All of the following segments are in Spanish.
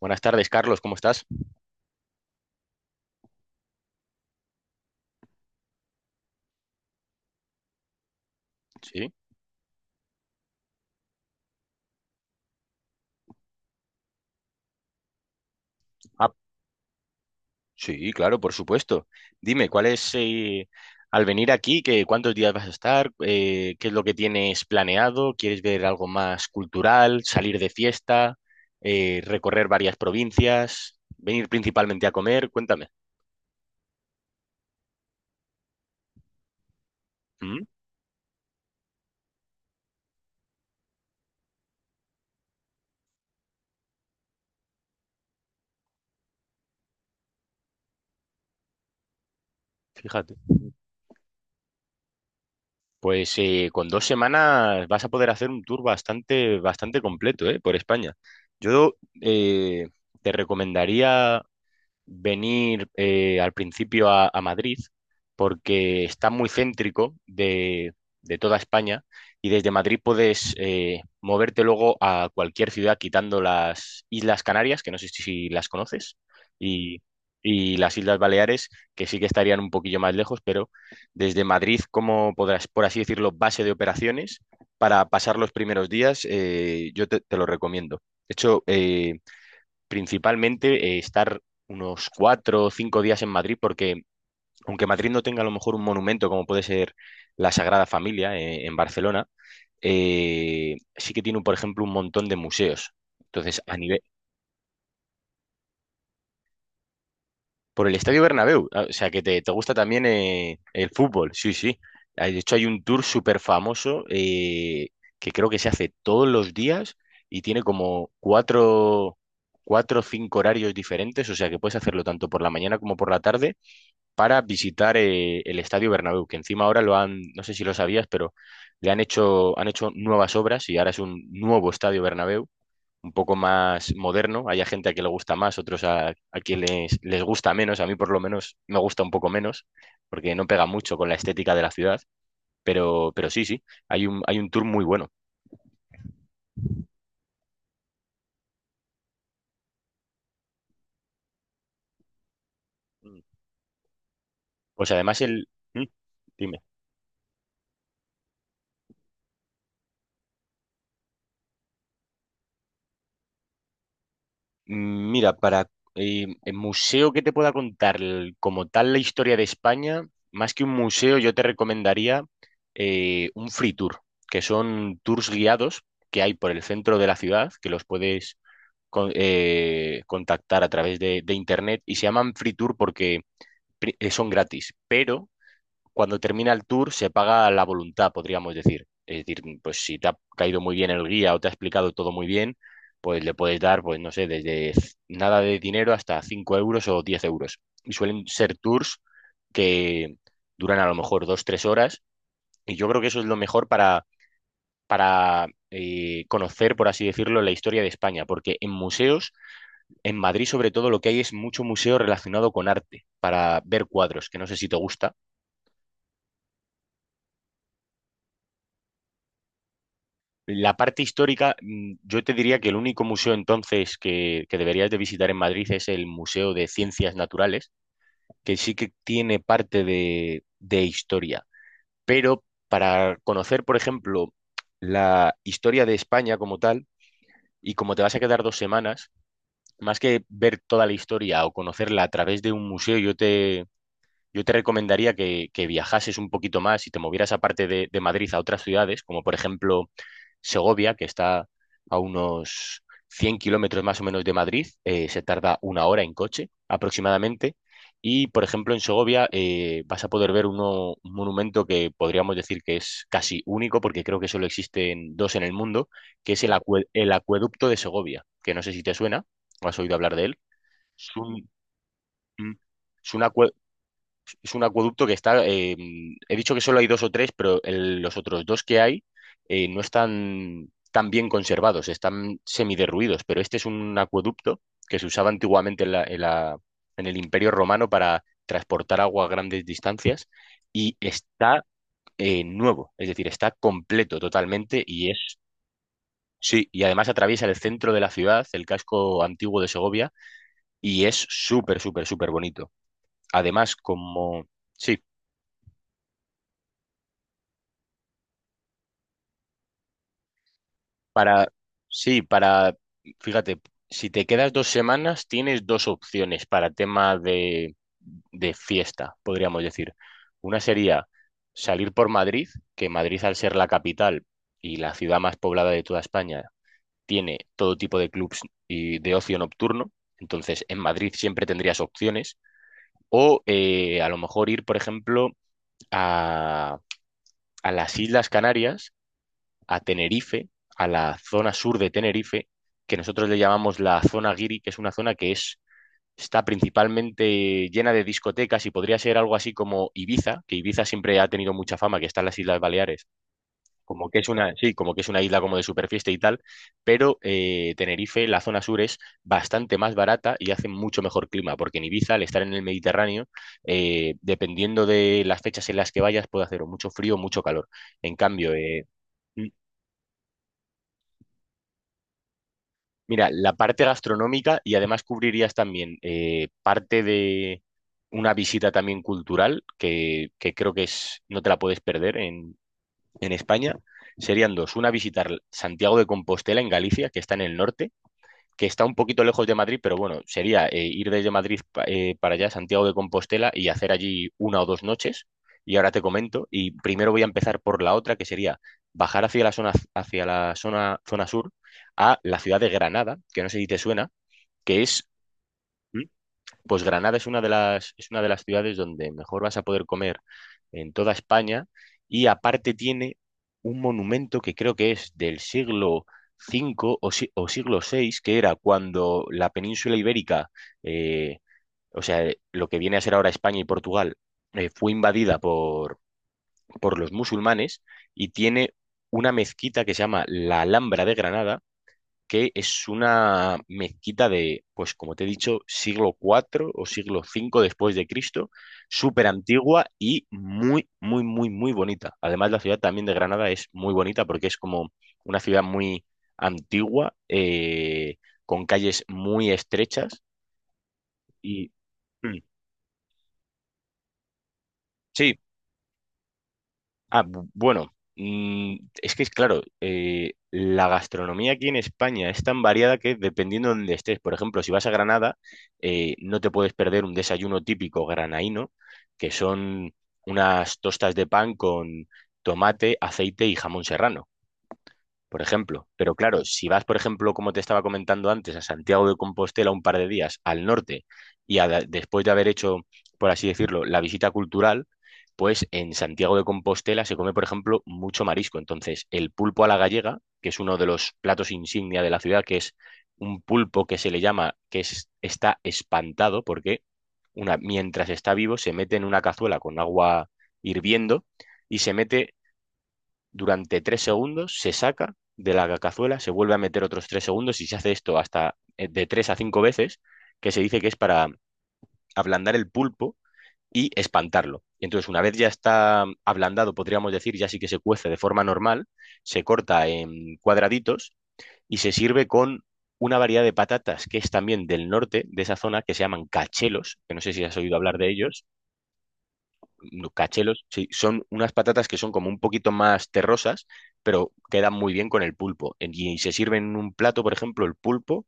Buenas tardes, Carlos, ¿cómo estás? Sí. Ah, sí, claro, por supuesto. Dime, ¿cuál es, al venir aquí, que, cuántos días vas a estar? ¿Qué es lo que tienes planeado? ¿Quieres ver algo más cultural, salir de fiesta, recorrer varias provincias, venir principalmente a comer? Cuéntame. Mm. Fíjate. Pues con 2 semanas vas a poder hacer un tour bastante, bastante completo, por España. Yo eh, te recomendaría venir al principio a, Madrid porque está muy céntrico de, toda España, y desde Madrid puedes moverte luego a cualquier ciudad quitando las Islas Canarias, que no sé si las conoces, y, y las Islas Baleares, que sí que estarían un poquillo más lejos, pero desde Madrid, como podrás, por así decirlo, base de operaciones, para pasar los primeros días, yo te lo recomiendo. De hecho, principalmente estar unos 4 o 5 días en Madrid, porque aunque Madrid no tenga a lo mejor un monumento como puede ser la Sagrada Familia en Barcelona, sí que tiene, por ejemplo, un montón de museos. Entonces, a nivel, por el Estadio Bernabéu, ah, o sea que te, gusta también el fútbol, sí, sí. Ah, de hecho, hay un tour súper famoso que creo que se hace todos los días y tiene como cuatro o cinco horarios diferentes, o sea que puedes hacerlo tanto por la mañana como por la tarde para visitar el Estadio Bernabéu, que encima ahora lo han, no sé si lo sabías, pero le han hecho nuevas obras y ahora es un nuevo Estadio Bernabéu, un poco más moderno. Hay a gente a que le gusta más, otros a, quien les gusta menos. A mí por lo menos me gusta un poco menos, porque no pega mucho con la estética de la ciudad, pero sí, sí, hay hay un tour muy bueno. Pues además el... ¿Mm? Dime. Mira, para el museo que te pueda contar como tal la historia de España, más que un museo, yo te recomendaría un free tour, que son tours guiados que hay por el centro de la ciudad, que los puedes contactar a través de, internet, y se llaman free tour porque son gratis, pero cuando termina el tour se paga la voluntad, podríamos decir. Es decir, pues si te ha caído muy bien el guía o te ha explicado todo muy bien, pues le puedes dar, pues no sé, desde nada de dinero hasta 5 euros o 10 euros. Y suelen ser tours que duran a lo mejor 2, 3 horas. Y yo creo que eso es lo mejor para, conocer, por así decirlo, la historia de España. Porque en museos, en Madrid sobre todo, lo que hay es mucho museo relacionado con arte, para ver cuadros, que no sé si te gusta. La parte histórica, mm, yo te diría que el único museo entonces que, deberías de visitar en Madrid es el Museo de Ciencias Naturales, que sí que tiene parte de, historia. Pero para conocer, por ejemplo, la historia de España como tal, y como te vas a quedar 2 semanas, más que ver toda la historia o conocerla a través de un museo, yo te recomendaría que, viajases un poquito más y te movieras aparte de, Madrid, a otras ciudades, como por ejemplo Segovia, que está a unos 100 kilómetros más o menos de Madrid, se tarda una hora en coche aproximadamente. Y, por ejemplo, en Segovia vas a poder ver un monumento que podríamos decir que es casi único, porque creo que solo existen dos en el mundo, que es el acueducto de Segovia, que no sé si te suena o has oído hablar de él. Es un, mm, es un acue- es un acueducto que está, he dicho que solo hay dos o tres, pero los otros dos que hay no están tan bien conservados, están semiderruidos, pero este es un acueducto que se usaba antiguamente en en el Imperio Romano para transportar agua a grandes distancias, y está nuevo, es decir, está completo totalmente y es, sí, y además atraviesa el centro de la ciudad, el casco antiguo de Segovia, y es súper, súper, súper bonito. Además, como... Sí, para, sí, para, fíjate, si te quedas 2 semanas, tienes dos opciones para tema de, fiesta, podríamos decir. Una sería salir por Madrid, que Madrid, al ser la capital y la ciudad más poblada de toda España, tiene todo tipo de clubs y de ocio nocturno. Entonces, en Madrid siempre tendrías opciones. O a lo mejor ir, por ejemplo, a, las Islas Canarias, a Tenerife, a la zona sur de Tenerife, que nosotros le llamamos la zona guiri, que es una zona está principalmente llena de discotecas y podría ser algo así como Ibiza, que Ibiza siempre ha tenido mucha fama, que está en las Islas Baleares, como que es una, sí, como que es una isla como de superfiesta y tal, pero Tenerife, la zona sur, es bastante más barata y hace mucho mejor clima, porque en Ibiza, al estar en el Mediterráneo, dependiendo de las fechas en las que vayas, puede hacer o mucho frío o mucho calor. En cambio, mira, la parte gastronómica, y además cubrirías también parte de una visita también cultural que, creo que es, no te la puedes perder en, España. Serían dos. Una, visitar Santiago de Compostela en Galicia, que está en el norte, que está un poquito lejos de Madrid, pero bueno, sería ir desde Madrid para allá, Santiago de Compostela, y hacer allí 1 o 2 noches. Y ahora te comento, y primero voy a empezar por la otra, que sería bajar hacia zona sur, a la ciudad de Granada, que no sé si te suena, que es, pues Granada es una de las, ciudades donde mejor vas a poder comer en toda España, y aparte tiene un monumento que creo que es del siglo V o, o siglo VI, que era cuando la península ibérica, eh, o sea, lo que viene a ser ahora España y Portugal, fue invadida por, los musulmanes, y tiene una mezquita que se llama la Alhambra de Granada, que es una mezquita de, pues como te he dicho, siglo IV o siglo V después de Cristo, súper antigua y muy, muy, muy, muy bonita. Además, la ciudad también de Granada es muy bonita porque es como una ciudad muy antigua, con calles muy estrechas y... Mm. Sí. Ah, bueno, es que es claro, la gastronomía aquí en España es tan variada que dependiendo de dónde estés, por ejemplo, si vas a Granada, no te puedes perder un desayuno típico granaíno, que son unas tostas de pan con tomate, aceite y jamón serrano, por ejemplo. Pero claro, si vas, por ejemplo, como te estaba comentando antes, a Santiago de Compostela un par de días al norte, y después de haber hecho, por así decirlo, la visita cultural, pues en Santiago de Compostela se come, por ejemplo, mucho marisco. Entonces, el pulpo a la gallega, que es uno de los platos insignia de la ciudad, que es un pulpo que se le llama, que está espantado, porque una, mientras está vivo, se mete en una cazuela con agua hirviendo y se mete durante 3 segundos, se saca de la cazuela, se vuelve a meter otros 3 segundos y se hace esto hasta de tres a cinco veces, que se dice que es para ablandar el pulpo y espantarlo. Y entonces, una vez ya está ablandado, podríamos decir, ya sí que se cuece de forma normal, se corta en cuadraditos y se sirve con una variedad de patatas que es también del norte de esa zona, que se llaman cachelos, que no sé si has oído hablar de ellos. No, cachelos, sí, son unas patatas que son como un poquito más terrosas, pero quedan muy bien con el pulpo. Y se sirven en un plato, por ejemplo, el pulpo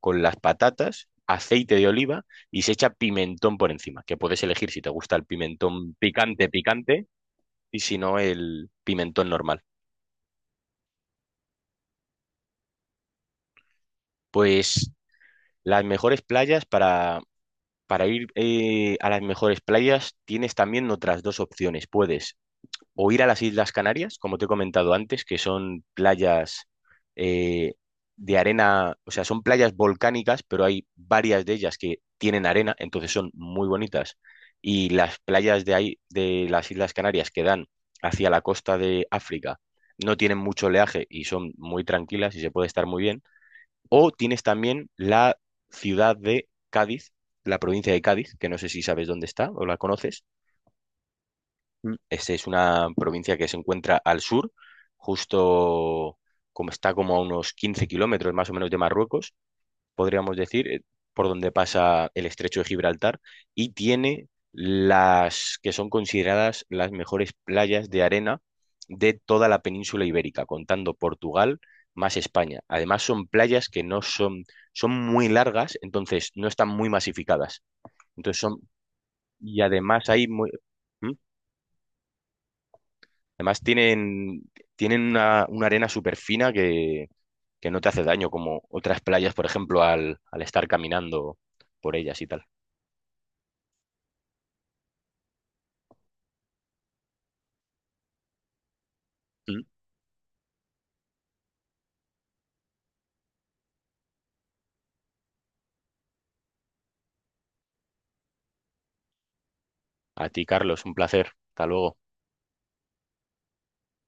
con las patatas, aceite de oliva, y se echa pimentón por encima, que puedes elegir si te gusta el pimentón picante, picante, y si no, el pimentón normal. Pues las mejores playas para... Para ir a las mejores playas tienes también otras dos opciones. Puedes o ir a las Islas Canarias, como te he comentado antes, que son playas eh, de arena, o sea, son playas volcánicas, pero hay varias de ellas que tienen arena, entonces son muy bonitas. Y las playas de ahí, de las Islas Canarias, que dan hacia la costa de África, no tienen mucho oleaje y son muy tranquilas y se puede estar muy bien. O tienes también la ciudad de Cádiz, la provincia de Cádiz, que no sé si sabes dónde está o la conoces. Mm. Este es una provincia que se encuentra al sur, justo, como está como a unos 15 kilómetros más o menos de Marruecos, podríamos decir, por donde pasa el estrecho de Gibraltar, y tiene las que son consideradas las mejores playas de arena de toda la península ibérica, contando Portugal más España. Además, son playas que no son, son muy largas, entonces no están muy masificadas. Entonces son, y además hay muy, ¿mm? Además tienen una arena súper fina que, no te hace daño, como otras playas, por ejemplo, al, estar caminando por ellas y tal. Mm. A ti, Carlos, un placer. Hasta luego.